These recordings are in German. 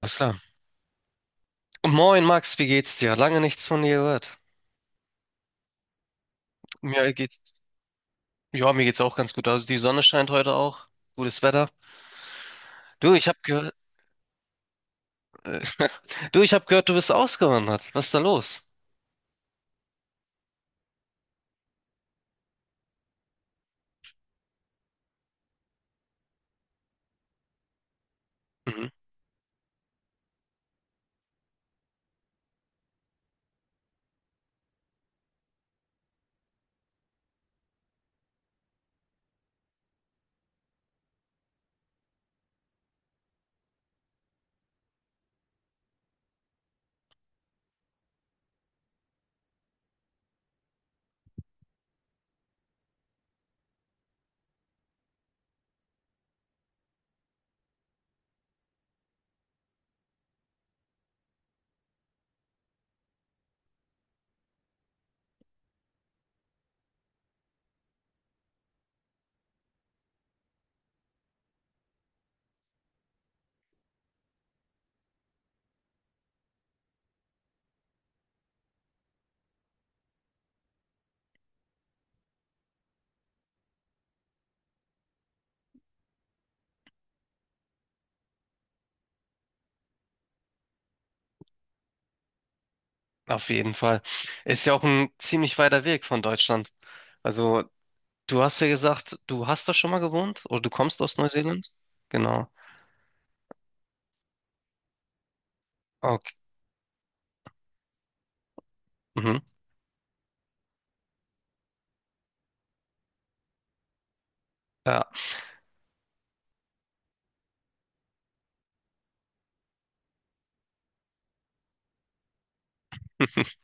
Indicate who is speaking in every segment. Speaker 1: Alles klar. Und Moin Max, wie geht's dir? Lange nichts von dir gehört. Mir geht's, ja, mir geht's auch ganz gut. Also die Sonne scheint heute auch. Gutes Wetter. Du, ich hab gehört, du, ich hab gehört, du bist ausgewandert. Was ist da los? Mhm. Auf jeden Fall. Ist ja auch ein ziemlich weiter Weg von Deutschland. Also, du hast ja gesagt, du hast da schon mal gewohnt oder du kommst aus Neuseeland? Genau. Okay. Mhm. Ja.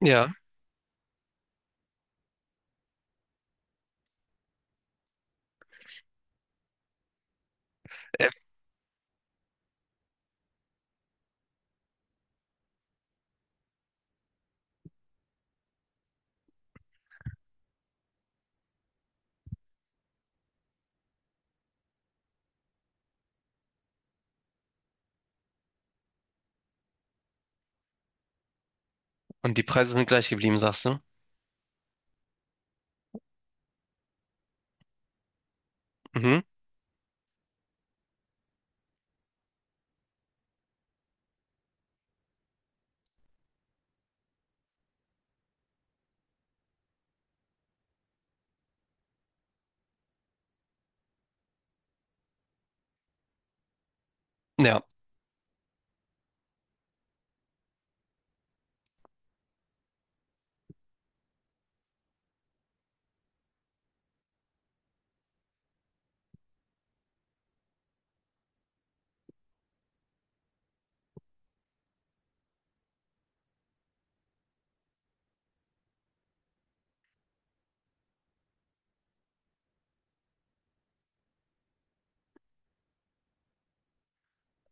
Speaker 1: Ja. Äh, Und die Preise sind gleich geblieben, sagst du? Mhm. Ja.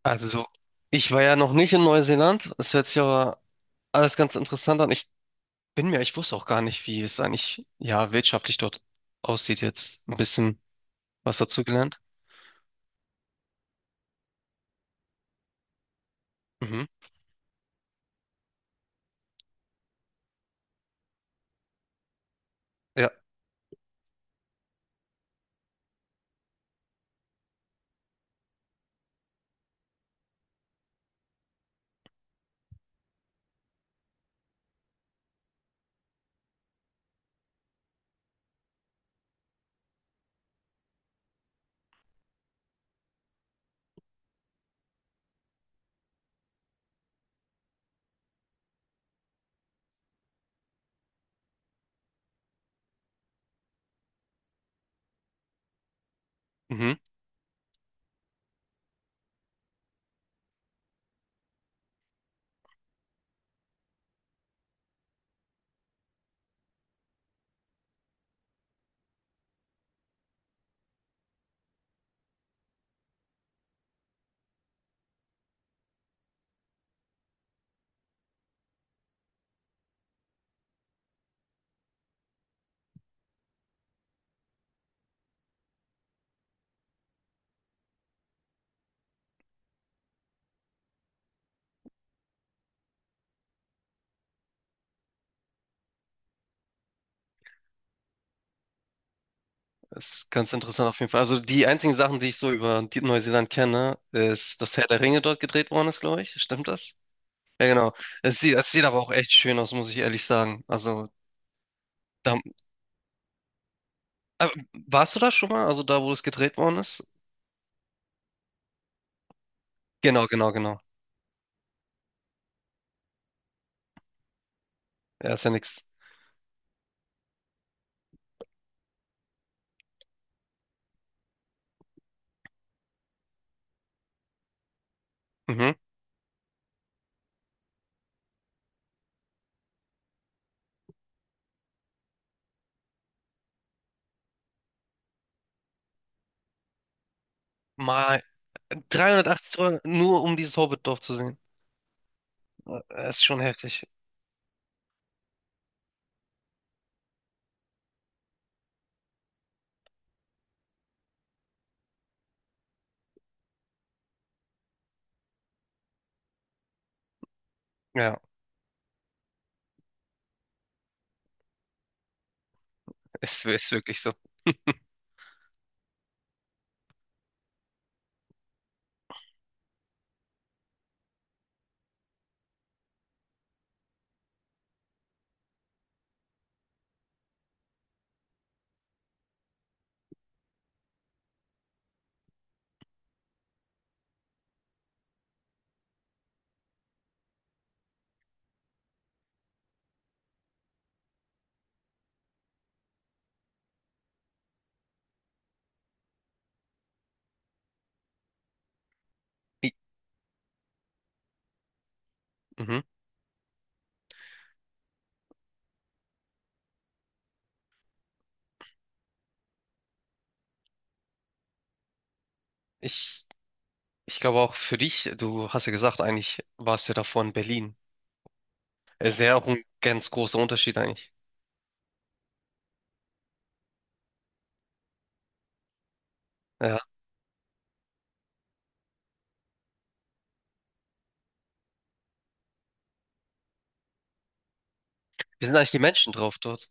Speaker 1: Also, so, ich war ja noch nicht in Neuseeland. Das hört sich aber alles ganz interessant an. Ich wusste auch gar nicht, wie es eigentlich, ja, wirtschaftlich dort aussieht jetzt. Ein bisschen was dazu gelernt. Mhm. Ja, mhm. Ist ganz interessant auf jeden Fall. Also, die einzigen Sachen, die ich so über die Neuseeland kenne, ist, dass Herr der Ringe dort gedreht worden ist, glaube ich. Stimmt das? Ja, genau. Es sieht aber auch echt schön aus, muss ich ehrlich sagen. Also, da, aber warst du da schon mal? Also, da, wo es gedreht worden ist? Genau, genau, genau. Ja, ist ja nix. Mhm. Mal 380 Euro nur um dieses Hobbitdorf zu sehen. Das ist schon heftig. Ja, es ist wirklich so. Ich, mhm. Ich, ich glaube auch, für dich, du hast ja gesagt, eigentlich warst du ja davor in Berlin. Es ist ja auch ein ganz großer Unterschied eigentlich. Ja. Wie sind eigentlich die Menschen drauf dort?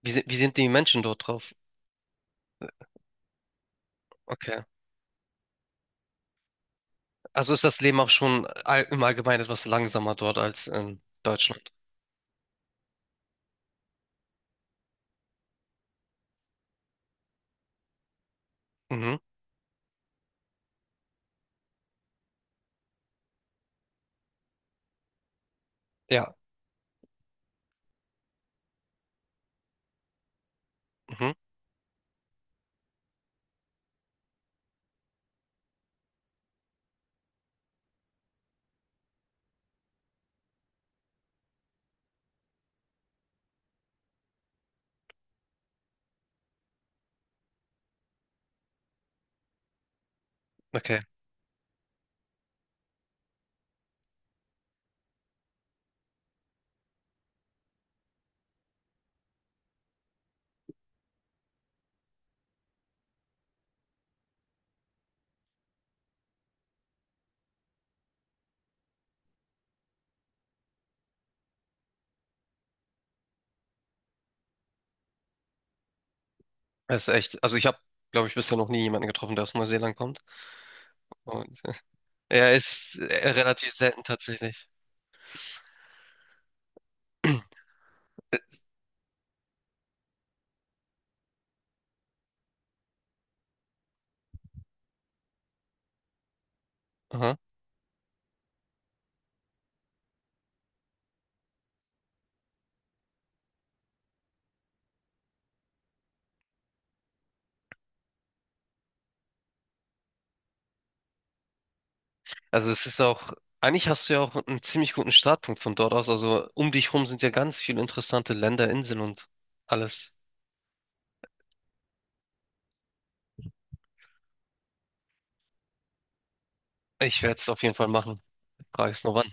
Speaker 1: Wie sind die Menschen dort drauf? Okay. Also ist das Leben auch schon all, im Allgemeinen etwas langsamer dort als in Deutschland. Mhm. Ja. Mhm. Okay. Das ist echt. Also ich habe, glaube ich, bisher noch nie jemanden getroffen, der aus Neuseeland kommt. Ja, ist relativ selten tatsächlich. Äh, Aha. Also es ist auch, eigentlich hast du ja auch einen ziemlich guten Startpunkt von dort aus. Also um dich rum sind ja ganz viele interessante Länder, Inseln und alles. Ich werde es auf jeden Fall machen. Frage ist nur wann.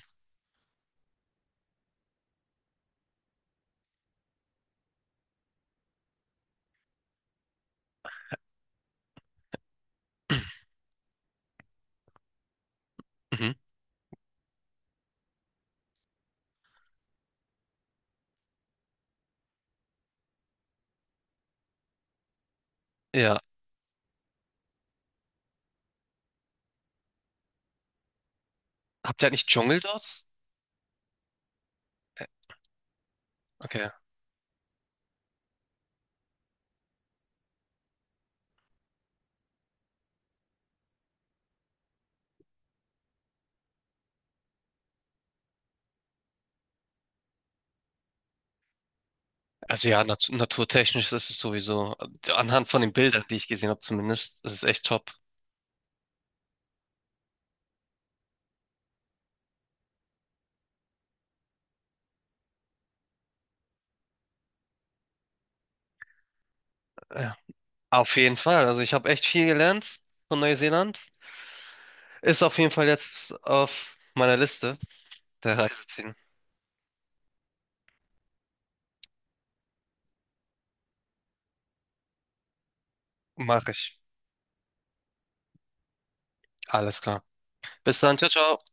Speaker 1: Mhm. Ja. Habt ihr eigentlich Dschungel dort? Äh, Okay. Also ja, naturtechnisch ist es sowieso, anhand von den Bildern, die ich gesehen habe zumindest, ist es echt top. Ja. Auf jeden Fall. Also ich habe echt viel gelernt von Neuseeland. Ist auf jeden Fall jetzt auf meiner Liste. Der Reiseziehen. Mache ich. Alles klar. Bis dann. Ciao, ciao.